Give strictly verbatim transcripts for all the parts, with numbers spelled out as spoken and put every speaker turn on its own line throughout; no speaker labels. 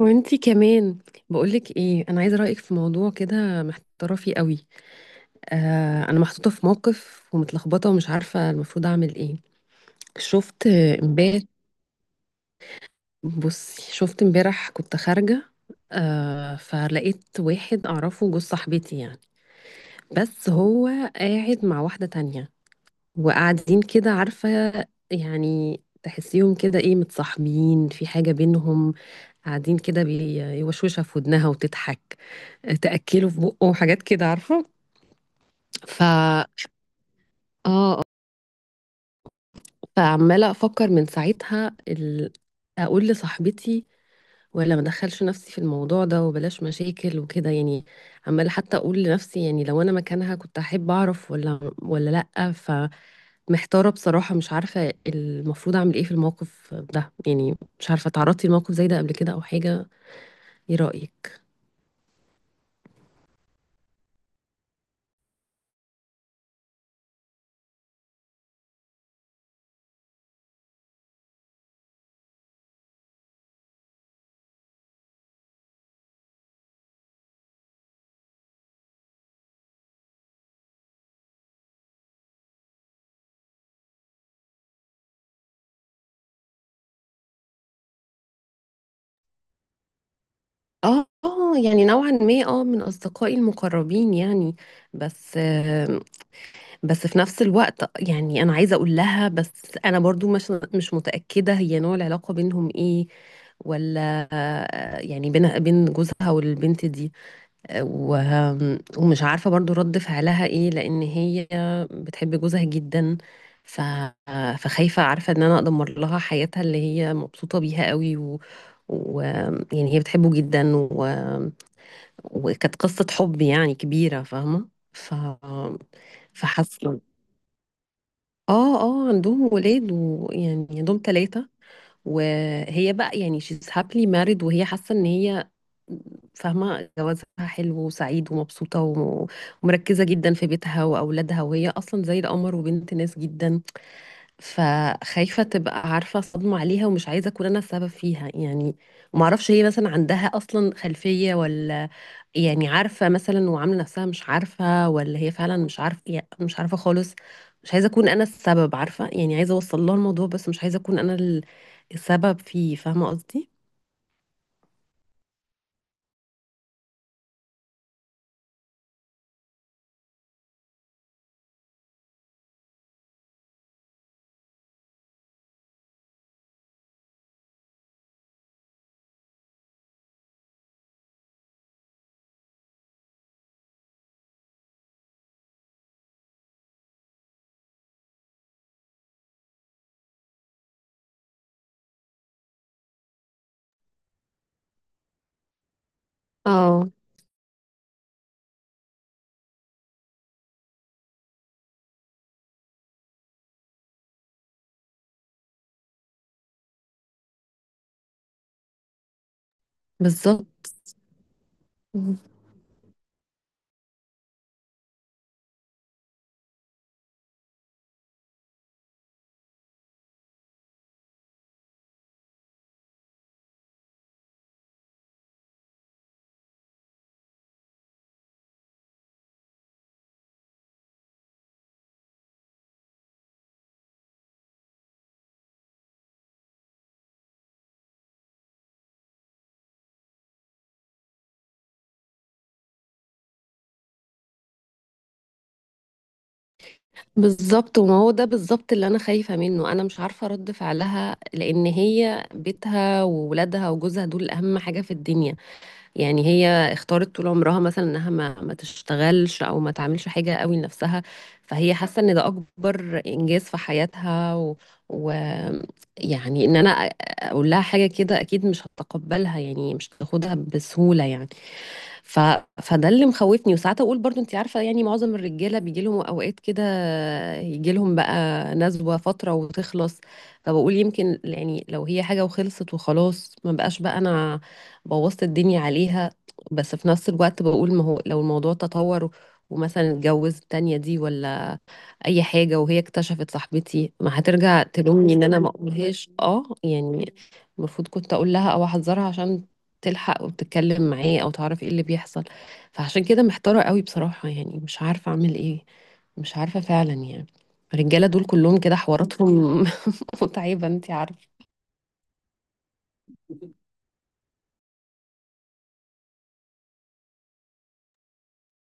وانتي كمان. بقولك ايه، انا عايزه رايك في موضوع كده محتاره فيه قوي. آه انا محطوطه في موقف ومتلخبطه ومش عارفه المفروض اعمل ايه. شفت امبارح بصي شفت امبارح كنت خارجه. آه فلقيت واحد اعرفه جوز صاحبتي يعني. بس هو قاعد مع واحده تانية وقاعدين كده عارفه. يعني تحسيهم كده ايه، متصاحبين في حاجه بينهم. قاعدين كده بيوشوشها في ودنها وتضحك، تأكله في بقه وحاجات كده عارفة. ف اه آه. فعمالة أفكر من ساعتها ال... أقول لصاحبتي، ولا ما أدخلش نفسي في الموضوع ده وبلاش مشاكل وكده يعني. عمالة حتى أقول لنفسي، يعني لو أنا مكانها كنت أحب أعرف ولا ولا لأ. فمحتارة بصراحة، مش عارفة المفروض أعمل إيه في الموقف ده يعني. مش عارفة، تعرضتي لموقف زي ده قبل كده أو حاجة؟ إيه رأيك؟ اه آه، يعني نوعا ما، اه من اصدقائي المقربين يعني. بس بس في نفس الوقت يعني انا عايزه اقول لها. بس انا برضو مش مش متاكده هي نوع العلاقه بينهم ايه، ولا يعني بين بين جوزها والبنت دي. و- ومش عارفه برضو رد فعلها ايه، لان هي بتحب جوزها جدا. ف فخايفه عارفه ان انا ادمر لها حياتها اللي هي مبسوطه بيها قوي، و... و يعني هي بتحبه جدا، و... وكانت قصه حب يعني كبيره فاهمه. ف فحاسه. اه اه، عندهم ولاد، ويعني عندهم ثلاثة. وهي بقى يعني she's happily married، وهي حاسة ان هي فاهمة جوازها حلو وسعيد ومبسوطة، وم- ومركزة جدا في بيتها وأولادها. وهي أصلا زي القمر وبنت ناس جدا. فخايفة تبقى عارفة صدمة عليها، ومش عايزة أكون أنا السبب فيها يعني. معرفش هي مثلا عندها أصلا خلفية، ولا يعني عارفة مثلا وعاملة نفسها مش عارفة، ولا هي فعلا مش عارفة يعني، مش عارفة خالص. مش عايزة أكون أنا السبب عارفة يعني، عايزة أوصل لها الموضوع بس مش عايزة أكون أنا ال- السبب فيه، فاهمة قصدي؟ اه، بالظبط. بالظبط، وما هو ده بالظبط اللي انا خايفه منه. انا مش عارفه رد فعلها، لان هي بيتها وولادها وجوزها دول اهم حاجه في الدنيا. يعني هي اختارت طول عمرها مثلا انها ما ما تشتغلش او ما تعملش حاجه قوي لنفسها. فهي حاسه ان ده اكبر انجاز في حياتها، و... و... يعني ان انا أ- اقول لها حاجه كده اكيد مش هتقبلها يعني، مش هتاخدها بسهوله يعني. ف... فده اللي مخوفني. وساعات اقول برضو، انت عارفه، يعني معظم الرجاله بيجي لهم اوقات كده، يجي لهم بقى نزوه فتره وتخلص. فبقول يمكن يعني لو هي حاجه وخلصت وخلاص، ما بقاش بقى انا بوظت الدنيا عليها. بس في نفس الوقت بقول، ما هو لو الموضوع تطور ومثلا اتجوز التانية دي، ولا اي حاجه وهي اكتشفت صاحبتي، ما هترجع تلومني ان انا ما اقولهاش، اه يعني. المفروض كنت اقول لها او احذرها عشان تلحق وتتكلم معاه او تعرف ايه اللي بيحصل. فعشان كده محتاره قوي بصراحه، يعني مش عارفه اعمل ايه. مش عارفه فعلا يعني. الرجاله دول كلهم كده حواراتهم، متعبه انت عارفه.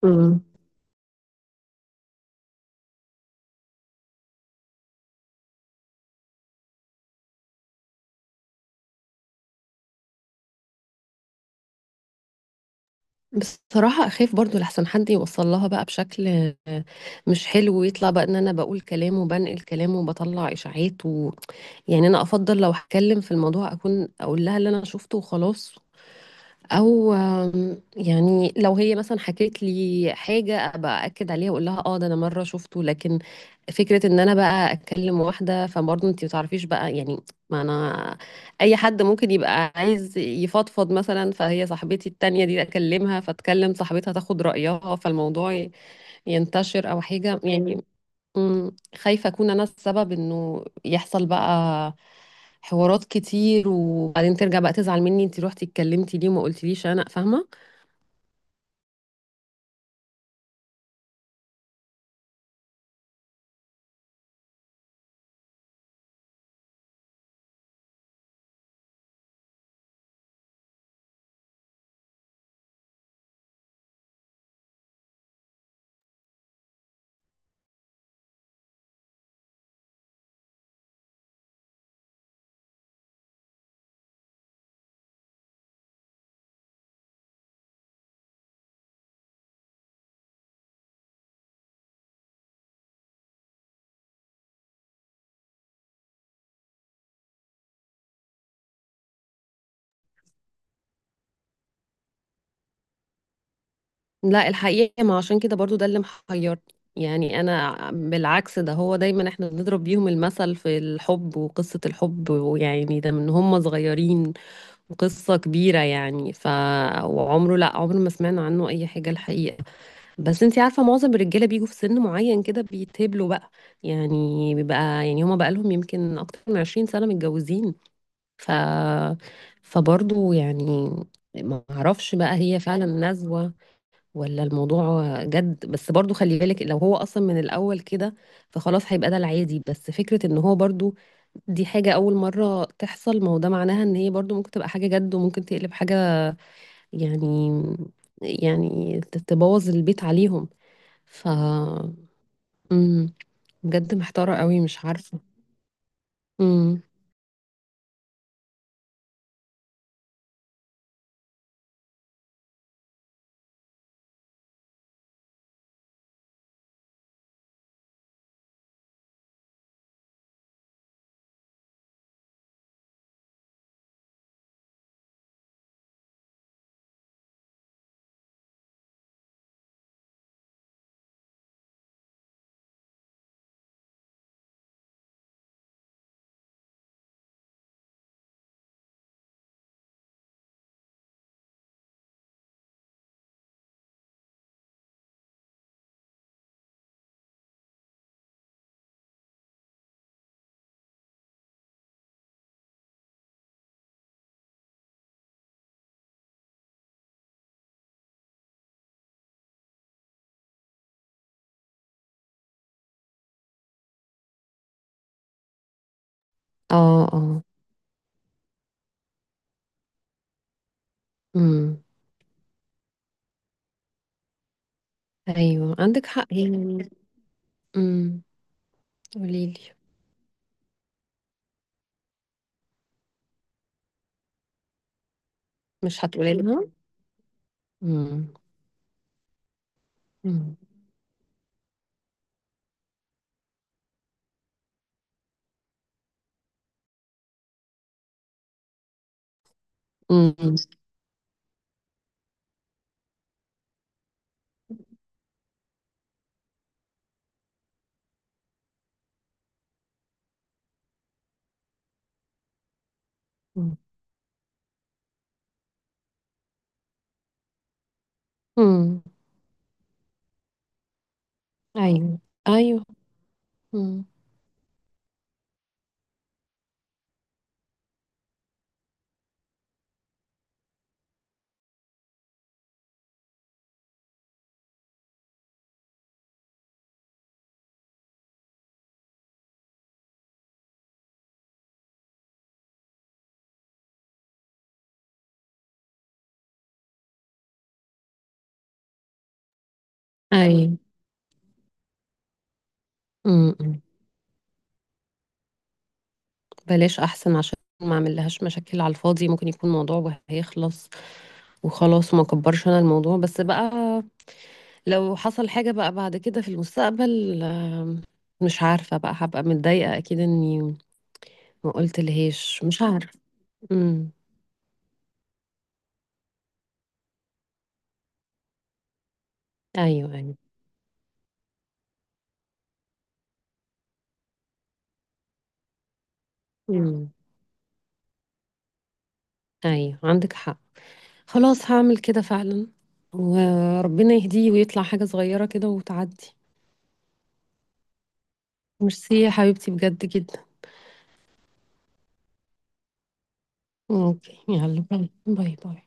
امم بصراحة أخاف برضو لحسن حد يوصل لها بقى بشكل مش حلو، ويطلع بقى إن أنا بقول كلام وبنقل كلام وبطلع إشاعات. يعني انا افضل لو هتكلم في الموضوع اكون اقول لها اللي انا شفته وخلاص. او آم، يعني لو هي مثلا حكيت لي حاجه ابقى اكد عليها واقول لها، اه ده انا مره شفته. لكن فكره ان انا بقى اتكلم واحده فبرضه انت ما تعرفيش بقى يعني، ما انا اي حد ممكن يبقى عايز يفضفض مثلا. فهي صاحبتي التانية دي اكلمها، فتكلم صاحبتها تاخد رايها فالموضوع ي- ينتشر او حاجه يعني. مم. خايفة أكون أنا السبب إنه يحصل بقى حوارات كتير، وبعدين ترجع بقى تزعل مني، أنت روحتي اتكلمتي ليه وما قلتليش، أنا فاهمة. لا الحقيقة، ما عشان كده برضو ده اللي محيرني. يعني أنا بالعكس، ده هو دايما إحنا بنضرب بيهم المثل في الحب وقصة الحب، ويعني ده من هم صغيرين وقصة كبيرة يعني. ف، وعمره، لا عمره ما سمعنا عنه أي حاجة الحقيقة. بس انتي عارفة معظم الرجالة بيجوا في سن معين كده بيتهبلوا بقى، يعني بيبقى يعني هما بقى لهم يمكن أكتر من عشرين سنة متجوزين. ف فبرضه يعني ما اعرفش بقى هي فعلا نزوة ولا الموضوع جد. بس برضه خلي بالك لو هو أصلا من الأول كده فخلاص هيبقى ده العادي. بس فكرة ان هو برضه دي حاجة أول مرة تحصل، ما هو ده معناها ان هي برضه ممكن تبقى حاجة جد وممكن تقلب حاجة يعني، يعني تبوظ البيت عليهم. ف امم بجد محتارة قوي مش عارفة. امم. اه اه. امم. ايوه عندك حق يعني. امم. قوليلي. مش هتقولي لها؟ امم. امم. امم. أمم. أمم. ايوه ايوه. امم. ايوه. امم. أمم. بلاش احسن، عشان ما اعمل لهاش مشاكل على الفاضي. ممكن يكون موضوع وهيخلص وخلاص وما كبرش انا الموضوع. بس بقى لو حصل حاجة بقى بعد كده في المستقبل، آم، مش عارفة بقى هبقى متضايقة أكيد إني ما قلت لهاش، مش عارف. امم. ايوه ايوه. امم. ايوه عندك حق. خلاص هعمل كده فعلا، وربنا يهديه ويطلع حاجة صغيرة كده وتعدي. ميرسي يا حبيبتي بجد جدا. اوكي يلا، باي باي باي.